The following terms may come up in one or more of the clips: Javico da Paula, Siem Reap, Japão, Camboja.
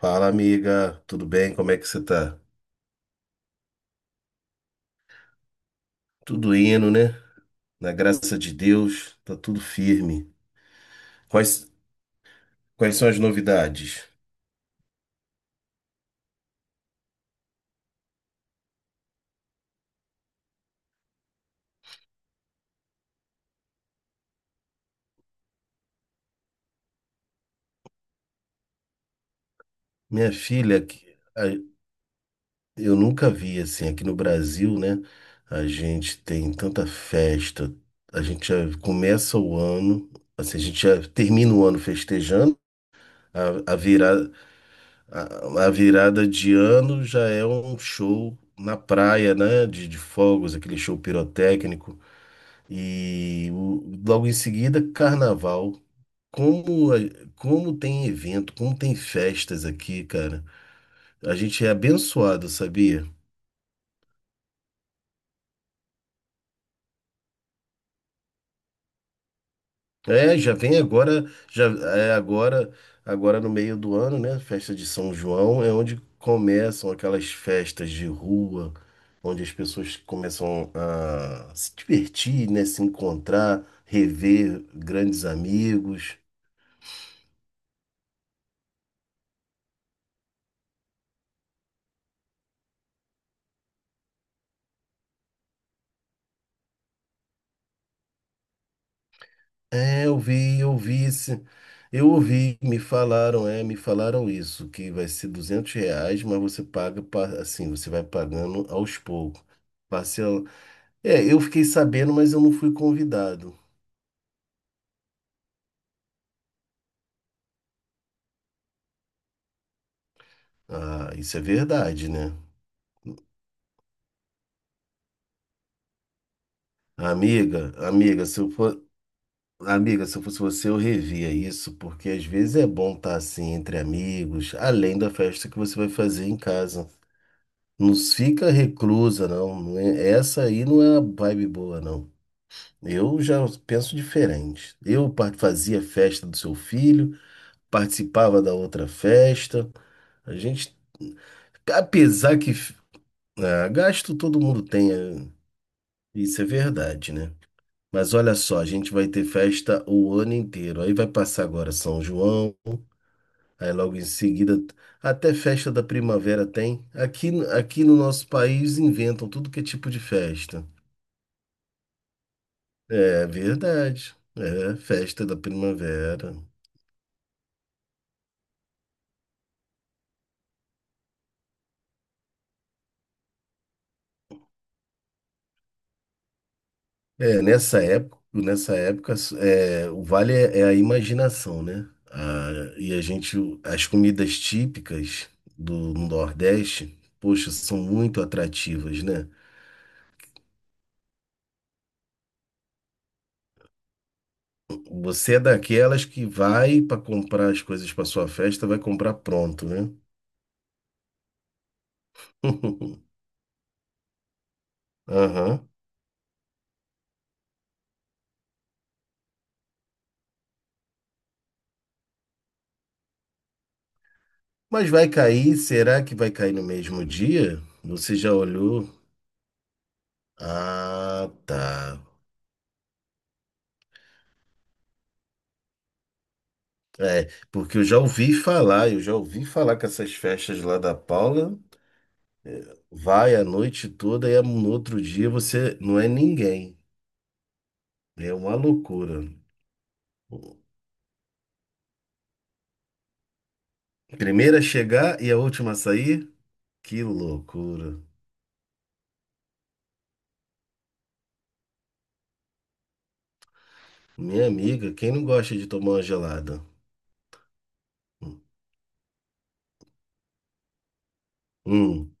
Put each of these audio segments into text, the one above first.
Fala, amiga, tudo bem? Como é que você tá? Tudo indo, né? Na graça de Deus, tá tudo firme. Quais, quais são as novidades? Minha filha, eu nunca vi assim, aqui no Brasil, né? A gente tem tanta festa, a gente já começa o ano, assim, a gente já termina o ano festejando, a virada, a virada de ano já é um show na praia, né? De fogos, aquele show pirotécnico. Logo em seguida, carnaval. Como, a- como tem evento, como tem festas aqui, cara. A gente é abençoado, sabia? É, já vem agora, já é agora, agora no meio do ano, né? Festa de São João é onde começam aquelas festas de rua, onde as pessoas começam a se divertir, né? Se encontrar, rever grandes amigos. É, eu vi esse, eu ouvi, me falaram, é, me falaram isso, que vai ser R$ 200, mas você paga, assim, você vai pagando aos poucos. Parcela. É, eu fiquei sabendo, mas eu não fui convidado. Ah, isso é verdade, né? Amiga, se eu for, amiga, se eu fosse você, eu revia isso, porque às vezes é bom estar assim entre amigos, além da festa que você vai fazer em casa. Não fica reclusa, não. Essa aí não é a vibe boa, não. Eu já penso diferente. Fazia a festa do seu filho, participava da outra festa. A gente, apesar que ah, gasto todo mundo tem, isso é verdade, né? Mas olha só, a gente vai ter festa o ano inteiro. Aí vai passar agora São João, aí logo em seguida até festa da primavera tem. Aqui no nosso país inventam tudo que é tipo de festa. É verdade. É festa da primavera. É, nessa época, é, o vale é, é a imaginação, né? Ah, e a gente, as comidas típicas do Nordeste, poxa, são muito atrativas, né? Você é daquelas que vai para comprar as coisas para sua festa, vai comprar pronto, né? Aham. Mas vai cair? Será que vai cair no mesmo dia? Você já olhou? Ah, tá. É, porque eu já ouvi falar, eu já ouvi falar que essas festas lá da Paula vai a noite toda e no outro dia você não é ninguém. É uma loucura. Primeira a chegar e a última a sair? Que loucura. Minha amiga, quem não gosta de tomar uma gelada? Hum, hum,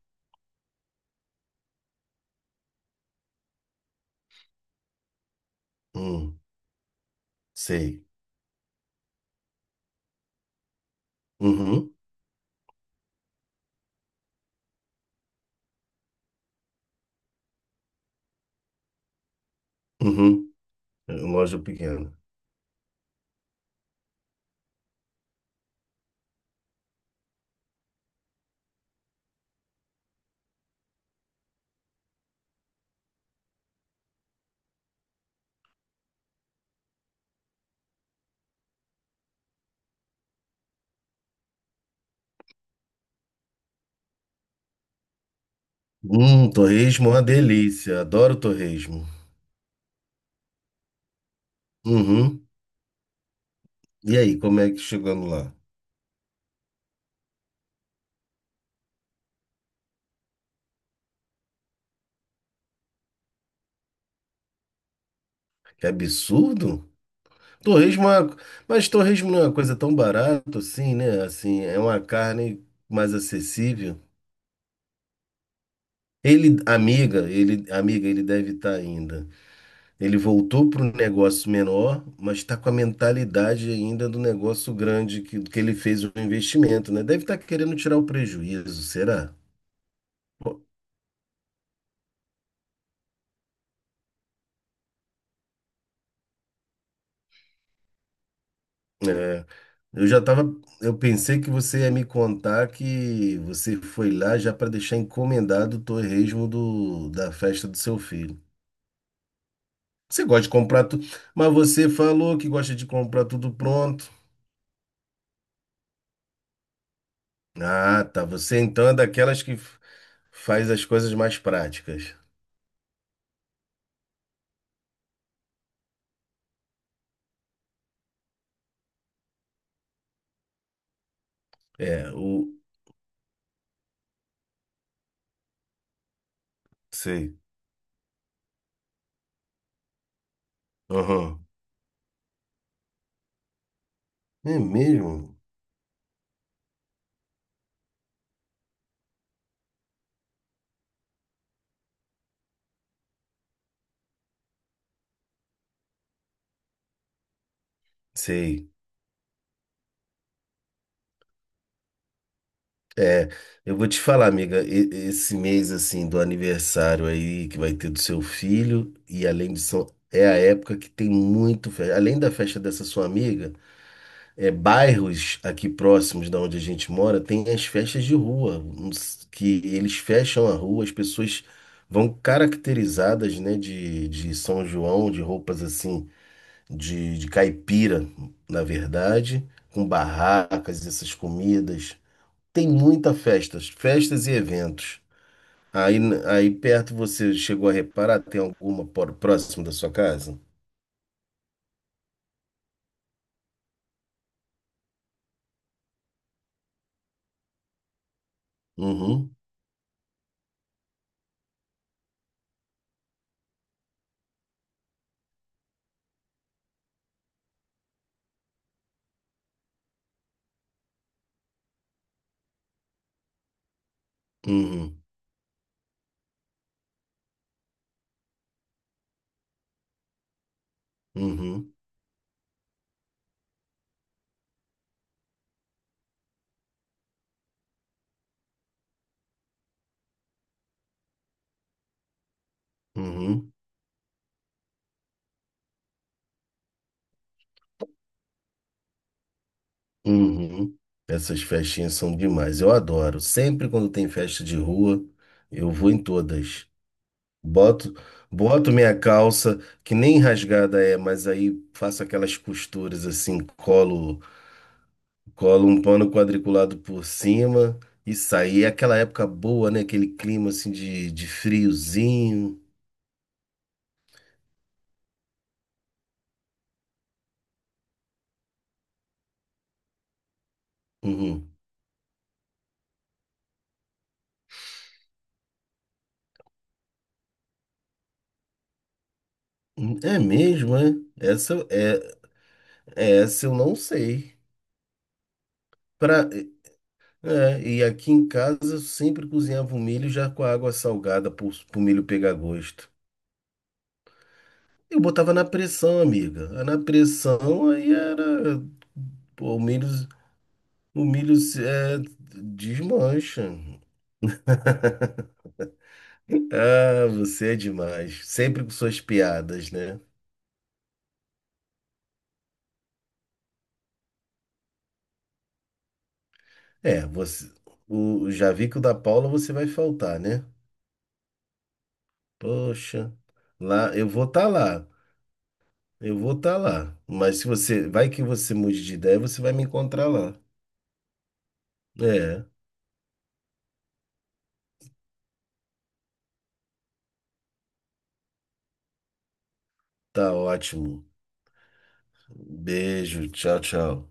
hum, sei. Uhum, uhum. É uma loja pequena. Torresmo é uma delícia. Adoro torresmo. Uhum. E aí, como é que chegando lá? Que absurdo! Torresmo é uma- Mas torresmo não é uma coisa tão barata assim, né? Assim, é uma carne mais acessível. Ele, amiga, ele deve estar ainda. Ele voltou para um negócio menor, mas está com a mentalidade ainda do negócio grande que ele fez o investimento, né? Deve estar querendo tirar o prejuízo, será? Pô, é, eu já tava, eu pensei que você ia me contar que você foi lá já para deixar encomendado o torresmo do, da festa do seu filho. Você gosta de comprar tudo, mas você falou que gosta de comprar tudo pronto. Ah, tá. Você então é daquelas que f- Faz as coisas mais práticas. É, o. Sei. Aham. É mesmo? Sei. É, eu vou te falar, amiga, esse mês assim do aniversário aí que vai ter do seu filho, e além disso, é a época que tem muito, além da festa dessa sua amiga. É, bairros aqui próximos da onde a gente mora, tem as festas de rua, uns- que eles fecham a rua, as pessoas vão caracterizadas, né, de São João, de roupas assim, de caipira, na verdade, com barracas, essas comidas. Tem muita festas, festas e eventos. Aí perto você chegou a reparar, tem alguma por- próximo da sua casa? Uhum, uhum, uhum, uhum. Uhum. Essas festinhas são demais. Eu adoro. Sempre quando tem festa de rua, eu vou em todas. Boto, boto minha calça, que nem rasgada é, mas aí faço aquelas costuras assim, colo, colo um pano quadriculado por cima e saio. E é aquela época boa, né? Aquele clima assim de friozinho. Uhum. É mesmo, é? Essa, é, é essa eu não sei. Pra, é, e aqui em casa eu sempre cozinhava o milho já com a água salgada para o milho pegar gosto. Eu botava na pressão, amiga. Ah, na pressão aí era. Pô, o milho desmancha. Ah, você é demais. Sempre com suas piadas, né? É, você. O Javico da Paula você vai faltar, né? Poxa, lá eu vou estar lá. Eu vou estar lá. Mas se você. Vai que você mude de ideia, você vai me encontrar lá. É. Tá ótimo. Beijo, tchau, tchau.